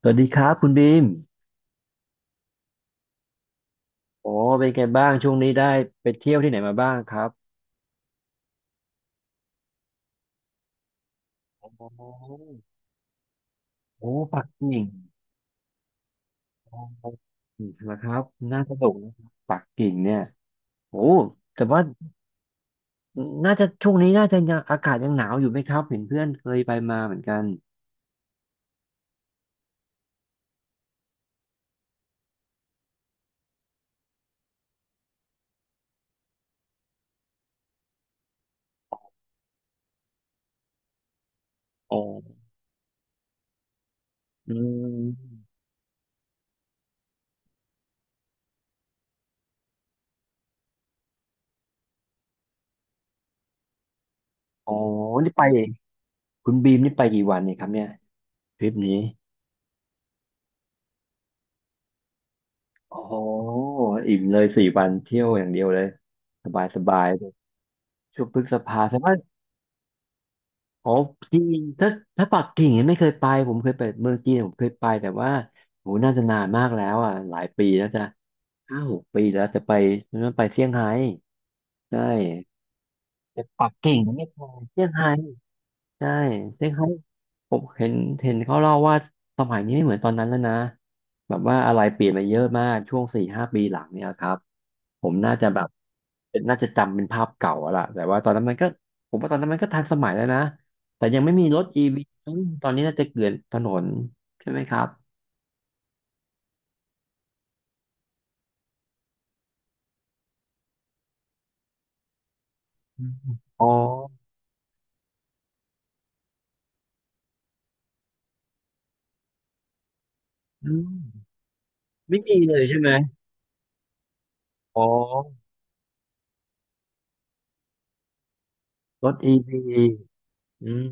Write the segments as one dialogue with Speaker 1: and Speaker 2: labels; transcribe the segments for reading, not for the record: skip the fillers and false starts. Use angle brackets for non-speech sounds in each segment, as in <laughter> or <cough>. Speaker 1: สวัสดีครับคุณบีมโอ้เป็นไงบ้างช่วงนี้ได้ไปเที่ยวที่ไหนมาบ้างครับอ๋อโอ้ปักกิ่งโอ๋อนะครับน่าสนุกนะครับปักกิ่งเนี่ยโอ้แต่ว่าน่าจะช่วงนี้น่าจะยังอากาศยังหนาวอยู่ไหมครับเห็นเพื่อนเคยไปมาเหมือนกันอ๋ออืมโอ้นี่ไปคุณบีมนี่ไปกี่วันเนี่ยครับเนี่ยทริปนี้โอ้โหอิ่มเลยสี่วันเที่ยวอย่างเดียวเลยสบายสบายเลยช่วงพฤษภาใช่ไหม อ๋อจีนถ้าปักกิ่งยังไม่เคยไปผมเคยไปเมืองจีนผมเคยไปแต่ว่าโหน่าจะนานมากแล้วอ่ะหลายปีแล้วจะห้าหกปีแล้วแต่ไปนั่นไปเซี่ยงไฮ้ใช่แต่ปักกิ่งยังไม่เคยเซี่ยงไฮ้ ใช่ซึ่งเขาผมเห็นเห็นเขาเล่าว่าสมัยนี้ไม่เหมือนตอนนั้นแล้วนะแบบว่าอะไรเปลี่ยนไปเยอะมากช่วงสี่ห้าปีหลังเนี่ยครับ ผมน่าจะแบบเป็นน่าจะจำเป็นภาพเก่าอะล่ะแต่ว่าตอนนั้นมันก็ผมว่าตอนนั้นมันก็ทันสมัยแล้วนะ แต่ยังไม่มีรถอีวีตอนนี้น่าจะเกลื่อนถนนใช่ไหมครับอืมอ๋ออืมไม่มีเลยใช่ไหมอ๋อรถอีวีอืม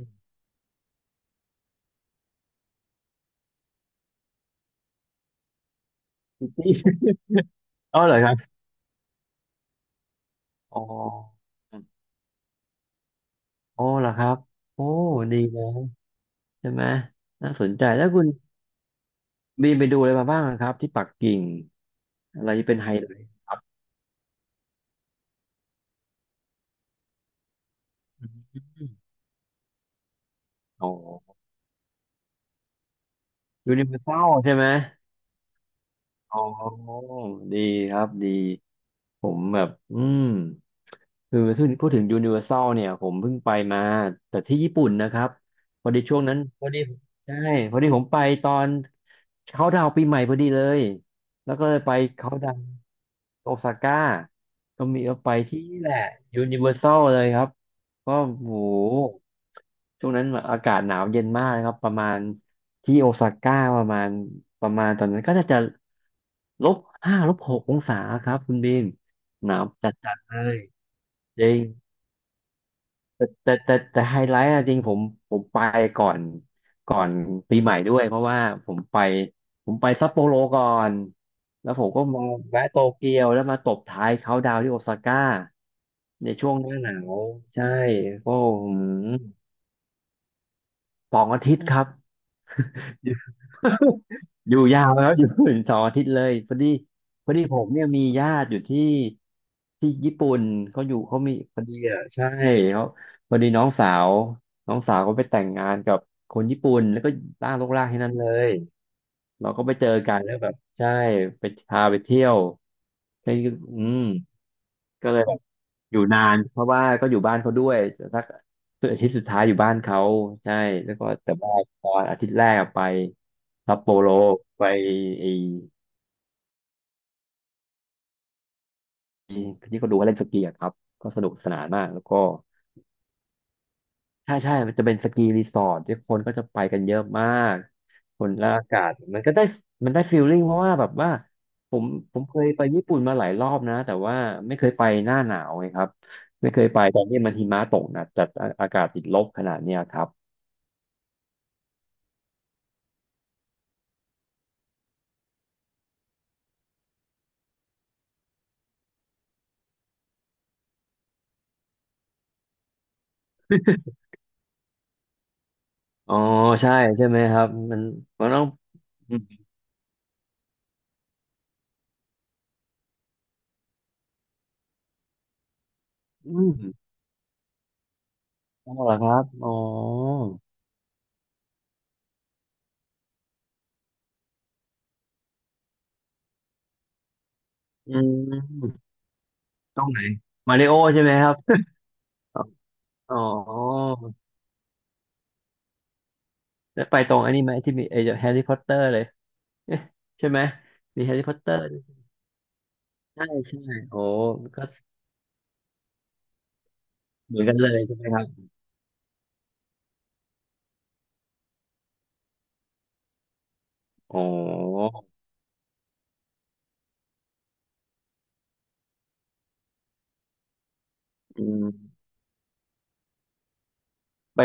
Speaker 1: <laughs> อ๋อเหรอครับอ๋ออ๋อเหรอครับโอ้ดีเลย ใช่ไหมน่าสนใจแล้วคุณบีมไปดูอะไรมาบ้างครับที่ปักกิ่งอะไรที่เป็นไฮไลท์ครับอมอ๋อยูนิเวอร์แซลใช่ไหม อ๋อ ดีครับ ดี ผมแบบ อืมคือพูดถึงยูนิเวอร์แซลเนี่ย ผมเพิ่งไปมาแต่ที่ญี่ปุ่นนะครับ พอดีช่วงนั้นพอดีใช่ พอดีผมไปตอนเขาดาวน์ปีใหม่พอดีเลย แล้วก็เลยไปเขาดาวน์โอซาก้าก็มีก็ไปที่นี่แหละยูนิเวอร์แซลเลยครับ ก็โหช่วงนั้นอากาศหนาวเย็นมากนะครับประมาณที่โอซาก้าประมาณตอนนั้นก็น่าจะลบห้าลบหกองศาครับคุณบีมหนาวจัดจัดเลยจริงแต่ไฮไลท์อะจริงผมไปก่อนก่อนปีใหม่ด้วยเพราะว่าผมไปซัปโปโรก่อนแล้วผมก็มาแวะโตเกียวแล้วมาตบท้ายเขาน์ดาวน์ที่โอซาก้าในช่วงหน้าหนาวใช่โอ้โห สองอาทิตย์ครับ <laughs> อยู่อยู่ยาวแล้วอยู่ถึงสองอาทิตย์เลยพอดีพอดีผมเนี่ยมีญาติอยู่ที่ที่ญี่ปุ่นเขาอยู่เขามีพอดีอ่ะใช่เขาพอดีน้องสาวก็ไปแต่งงานกับคนญี่ปุ่นแล้วก็ล่างลกล่างที่นั่นเลยเราก็ไปเจอกันแล้วแบบใช่ไปพาไปเที่ยวใช่อืม ก็เลยอยู่นานเพราะว่าก็อยู่บ้านเขาด้วยสักอาทิตย์สุดท้ายอยู่บ้านเขาใช่แล้วก็แต่ว่าตอนอาทิตย์แรกอะไปซัปโปโรไปไอ้ที่เขาดูเขาเล่นสกีอะครับก็สนุกสนานมากแล้วก็ ใช่ใช่มันจะเป็นสกีรีสอร์ทที่คนก็จะไปกันเยอะมาก คนและอากาศมันก็ได้มันได้ฟีลลิ่งเพราะว่าแบบว่าผมเคยไปญี่ปุ่นมาหลายรอบนะ แต่ว่าไม่เคยไปหน้าหนาวไงครับไม่เคยไปตอนที่มันหิมะตกนะแต่อาอากาศติดลบขนาดเนี้ยครับ อ๋อ ใช่ใช่ไหมครับ มันต้อง อือืมต้องเหรอครับอ๋ออืมต้องไหนมาริโอใช่ไหมครับ อ๋อ แล้วไปตรงอันนี้ไหมที่มีไอ้แฮร์รี่พอตเตอร์เลย <laughs> เอ๊ะใช่ไหมมีแฮร์รี่พอตเตอร์ใช่ใช่โอ้ก็เหมือนกันเลยใช่ไหมครับอ๋ออืม ไป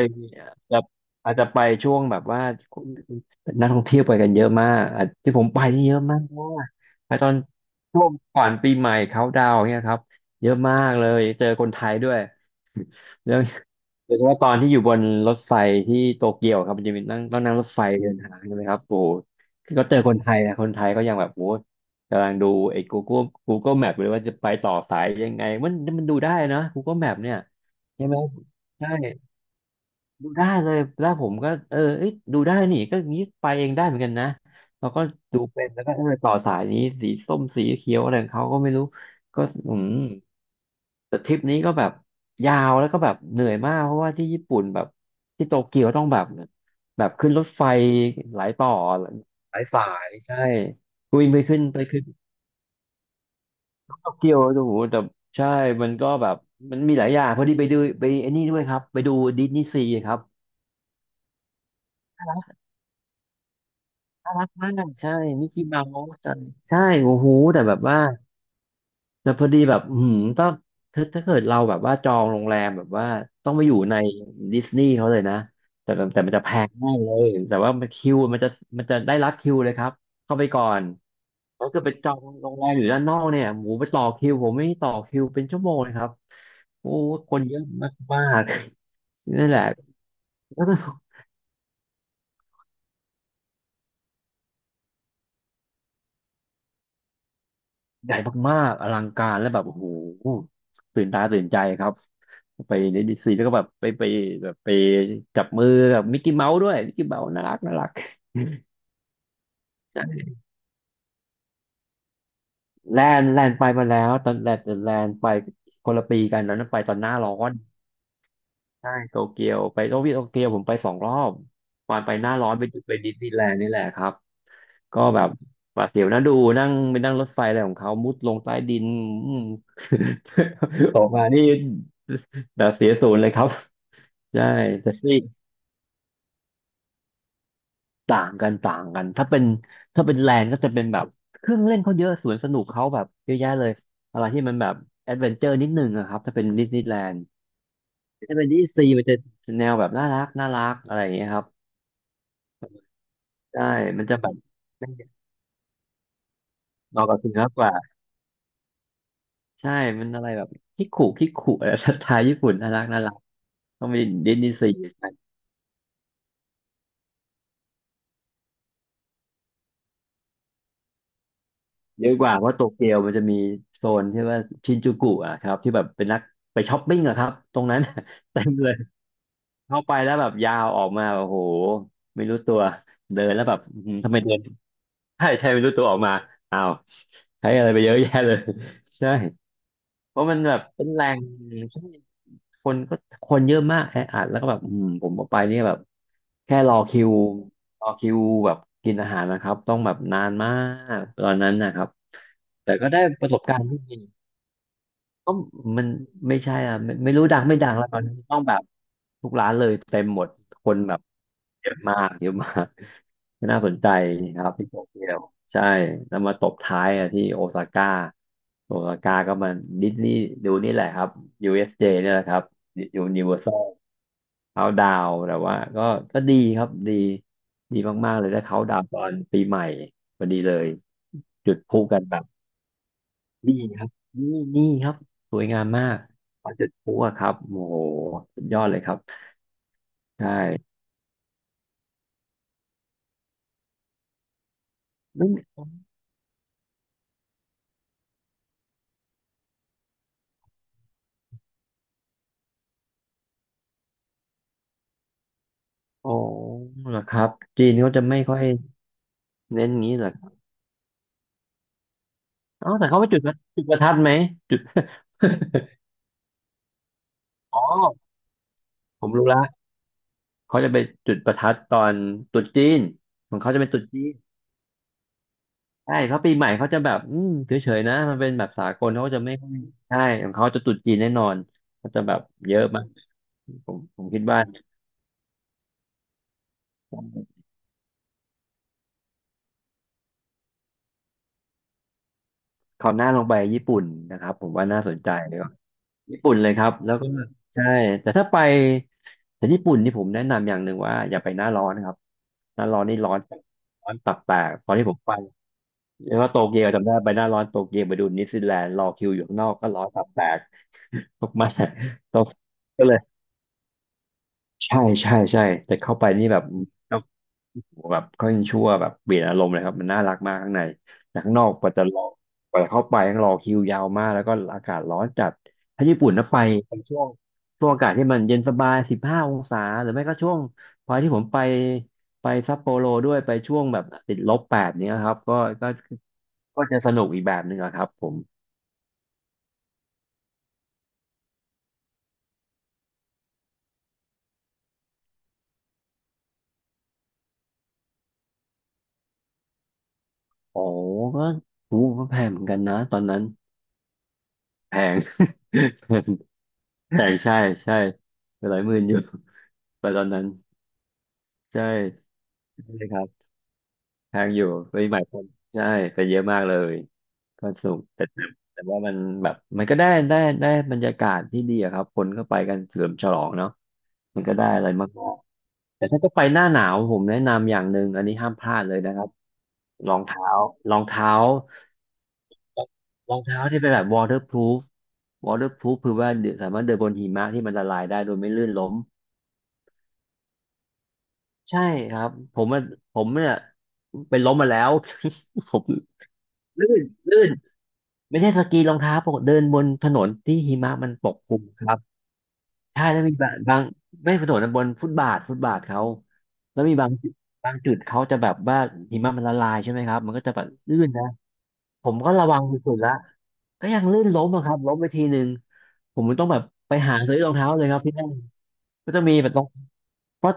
Speaker 1: จะอาจจะไปช่วงแบบว่านักท่องเที่ยวไปกันเยอะมากอาจที่ผมไปนี่เยอะมากเพราะว่าไปตอนช่วงก่อนปีใหม่เขาดาวน์เนี่ยครับเยอะมากเลยเจอคนไทยด้วย <laughs> แล้วโดยเฉพาะตอนที่อยู่บนรถไฟที่โตเกียวครับมันจะมีนั่งต้องนั่งรถไฟเดินทางใช่ไหมครับโอ้โหก็เจอคนไทยนะคนไทยก็ยังแบบโอ้โหกำลังดูไอ้ Google Map เลยว่าจะไปต่อสายยังไงมันดูได้นะ Google Map เนี่ยใช่ไหมใช่ ดูได้เลยแล้วผมก็เออเอ้ยดูได้นี่ก็งี้ไปเองได้เหมือนกันนะเราก็ดูเป็นแล้วก็เออต่อสายนี้สีส้มสีเขียวอะไรของเขาก็ไม่รู้ก็อืมแต่ทริปนี้ก็แบบยาวแล้วก็แบบเหนื่อยมากเพราะว่าที่ญี่ปุ่นแบบที่โตเกียวต้องแบบขึ้นรถไฟหลายต่อหลายสายใช่คุยไปขึ้นไปขึ้นโตเกียวโอ้โหแต่ใช่มันก็แบบมันมีหลายอย่างพอดีไปดูไปไอ้นี่ด้วยครับไปดูดิสนีย์ซีครับ น่ารักมากใช่มิกกี้เมาส์ใช่ใช่โอ้โหแต่แบบว่าแต่พอดีแบบต้องถ้าเกิดเราแบบว่าจองโรงแรมแบบว่าต้องไปอยู่ในดิสนีย์เขาเลยนะแต่แบบแต่มันจะแพงมากเลยแต่ว่ามันคิวมันจะมันจะได้รัดคิวเลยครับเข้าไปก่อนแล้วก็ไปจองโรงแรมอยู่ด้านนอกเนี่ยหมูไปต่อคิวผมไม่ต่อคิวเป็นชั่วโมงเลยครับโอ้คนเยอะมากๆ <laughs> นั่นแหละ ใหญ่มากๆอลังการและแบบโอ้โหตื่นตาตื่นใจครับไปในดิสนีย์แล้วก็แบบไปแบบไปจับมือกับมิกกี้เมาส์ด้วยมิกกี้เมาส์น่ารักน่ารัก <laughs> ใช่แลนด์แลนด์ไปมาแล้วตอนแลนด์แลนด์ไปคนละปีกันนั้นไปตอนหน้าร้อนใช่โตเกียวไปโตเกียวผมไปสองรอบตอนไปหน้าร้อนไปไปดิสนีย์แลนด์นี่แหละครับ ก็แบบหวาดเสียวนะดูนั่งไปนั่งรถไฟอะไรของเขามุดลงใต้ดิน <laughs> อืม <laughs> ออกมานี่แบบเสียศูนย์เลยครับใช่แต่ที่ต่างกันต่างกันถ้าเป็นแลนด์ก็จะเป็นแบบเครื่องเล่นเขาเยอะสวนสนุกเขาแบบเยอะแยะเลยอะไรที่มันแบบแอดเวนเจอร์นิดหนึงอะครับถ้าเป็นดิสนีย์แลนด์ถ้าเป็นดิสซีมันจะแนวแบบน่ารักน่ารักอะไรอย่างเงี้ยครับใช่มันจะแบบเหมาะกับสุนัขกว่าใช่มันอะไรแบบคิกคุคิกคุอะไร <laughs> สไตล์ญี่ปุ่นน่ารักน่ารัก ต้องมีดิสนีย์ซีใช่เยอะกว่าเพราะโตเกียวมันจะมีโซนที่ว่าชินจูกุอะครับที่แบบเป็นนักไปช้อปปิ้งอะครับตรงนั้น <laughs> เต็มเลยเข้าไปแล้วแบบยาวออกมาโอ้โหไม่รู้ตัวเดินแล้วแบบอื้อหือทำไมเดิน <laughs> ใช่ใช่ไม่รู้ตัวออกมาอ้าวใช้อะไรไปเยอะแยะเลย <laughs> ใช่เพราะมันแบบเป็นแหล่ง คนก็คนเยอะมากแออัดแล้วก็แบบผมออกไปเนี่ยแบบแค่รอคิวรอคิวแบบกินอาหารนะครับต้องแบบนานมากตอนนั้นนะครับแต่ก็ได้ประสบการณ์ที่ดี ก็มันไม่ใช่อ่ะไม่รู้ดังไม่ดังแล้วตอนนี้ต้องแบบทุกร้านเลยเต็มหมดคนแบบเยอะมากเยอะมากน่าสนใจครับที่โตเกียวใช่แล้วมาตบท้ายอ่ะที่โอซาก้าโอซาก้าก็มาดิสนีย์ดูนี่แหละครับ USJ เอสเจเนี่ยแหละครับยูนิเวอร์แซลเขาดาวน์แต่ว่าก็ก็ดีครับดีมากๆเลยถ้าเขาดาวน์ตอนปีใหม่พอดีเลยจุดพลุกันแบบ นี่ครับนี่นี่ครับสวยงามมากปลาเจ็ดพุอะครับโอ้โหสุดยอดเลยครับใช่ไม่มีอ๋อเหรอครับจีนเขาจะไม่ค่อยเน้นงี้เหรอครับเอ้าแต่เขาไปจุดประจุดประทัดไหมจุด <laughs> อ๋อผมรู้ละเขาจะไปจุดประทัดตอนตรุษจีนของเขาจะเป็นตรุษจีนใช่เพราะปีใหม่เขาจะแบบเฉยๆนะมันเป็นแบบสากลเขาจะไม่ค่อยใช่ของเขาจะตรุษจีนแน่นอนเขาจะแบบเยอะมากผมคิดว่า คราวหน้าลองไปญี่ปุ่นนะครับผมว่าน่าสนใจเลยว่าญี่ปุ่นเลยครับแล้วก็ใช่แต่ถ้าไปแต่ญี่ปุ่นนี่ผมแนะนำอย่างหนึ่งว่าอย่าไปหน้าร้อนนะครับหน้าร้อนนี่ร้อนตับแตกตอนที่ผมไปเรียกว่าโตเกียวจำได้ไปหน้าร้อนโตเกียวไปดูนิวซีแลนด์รอคิวอยู่ข้างนอกก็ร้อนตับแตก <laughs> ตกมากๆตกก็เลยใช่ใช่แต่เข้าไปนี่แบบ แบบเขายังชั่วแบบเปลี่ยนอารมณ์เลยครับมันน่ารักมากข้างในแต่ข้างนอกกว่าจะรอกว่าจะเข้าไปต้องรอคิวยาวมากแล้วก็อากาศร้อนจัดถ้าญี่ปุ่นนะไปเป็นช่วงอากาศที่มันเย็นสบาย15 องศาหรือไม่ก็ช่วงพอที่ผมไปไปซัปโปโรด้วยไปช่วงแบบติดลบ 8เนี้ยครับก็ก็จะสนุกอีกแบบหนึ่งอะครับผมโอ้ก็ถูกแพงเหมือนกันนะตอนนั้นแพง <laughs> แพงแพงใช่ใช่ไปหลายหมื่นอยู่ <laughs> ไปตอนนั้นใช่ ใช่ครับแพงอยู่ปีใหม่คนใช่ไปเยอะมากเลยก็สนุกแต่แต่แต่ว่ามันแบบมันก็ได้ได้บรรยากาศที่ดีอะครับคนก็ไปกันเฉลิมฉลองเนาะมันก็ได้อะไรมากๆแต่ถ้าจะไปหน้าหนาวผมแนะนำอย่างหนึ่งอันนี้ห้ามพลาดเลยนะครับรองเท้ารองเท้ารองเท้าที่เป็นแบบ waterproof waterproof คือว่าเดินสามารถเดินบนหิมะที่มันละลายได้โดยไม่ลื่นล้มใช่ครับผมอะผมเนี่ยไปล้มมาแล้ว <laughs> ผม ลื่นลื่นไม่ใช่สกีรองเท้าปกติเดินบนถนนที่หิมะมันปกคลุมครับใช่แล้วมีบางบางไม่ถนนนะบนฟุตบาทฟุตบาทเขาแล้วมีบางจุดบางจุดเขาจะแบบว่าหิมะมันละลายใช่ไหมครับมันก็จะแบบลื่นนะผมก็ระวังสุดๆละก็ยังลื่นล้มอะครับล้มไปทีหนึ่งผมมันต้องแบบไปหาซื้อรองเท้าเลยครับที่นั่นก็จะมีแบบรองเพราะ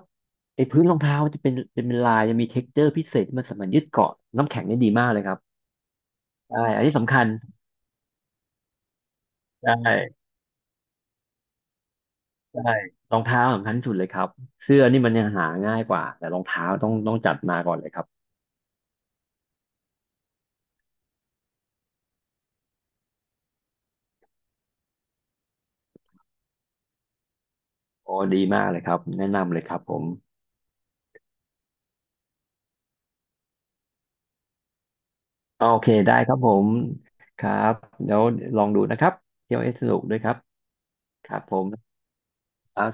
Speaker 1: ไอ้พื้นรองเท้ามันจะเป็นลายจะมีเท็กเจอร์พิเศษที่มันสามารถยึดเกาะน้ำแข็งได้ดีมากเลยครับใช่อันนี้สำคัญใช่ ใช่รองเท้าสำคัญที่สุดเลยครับเสื้อนี่มันยังหาง่ายกว่าแต่รองเท้าต้องจัดมาก่อนเลยครับโอ้ดีมากเลยครับแนะนำเลยครับผมโอเคได้ครับผมครับเดี๋ยวลองดูนะครับเที่ยวเอสสนุกด้วยครับครับผมครับ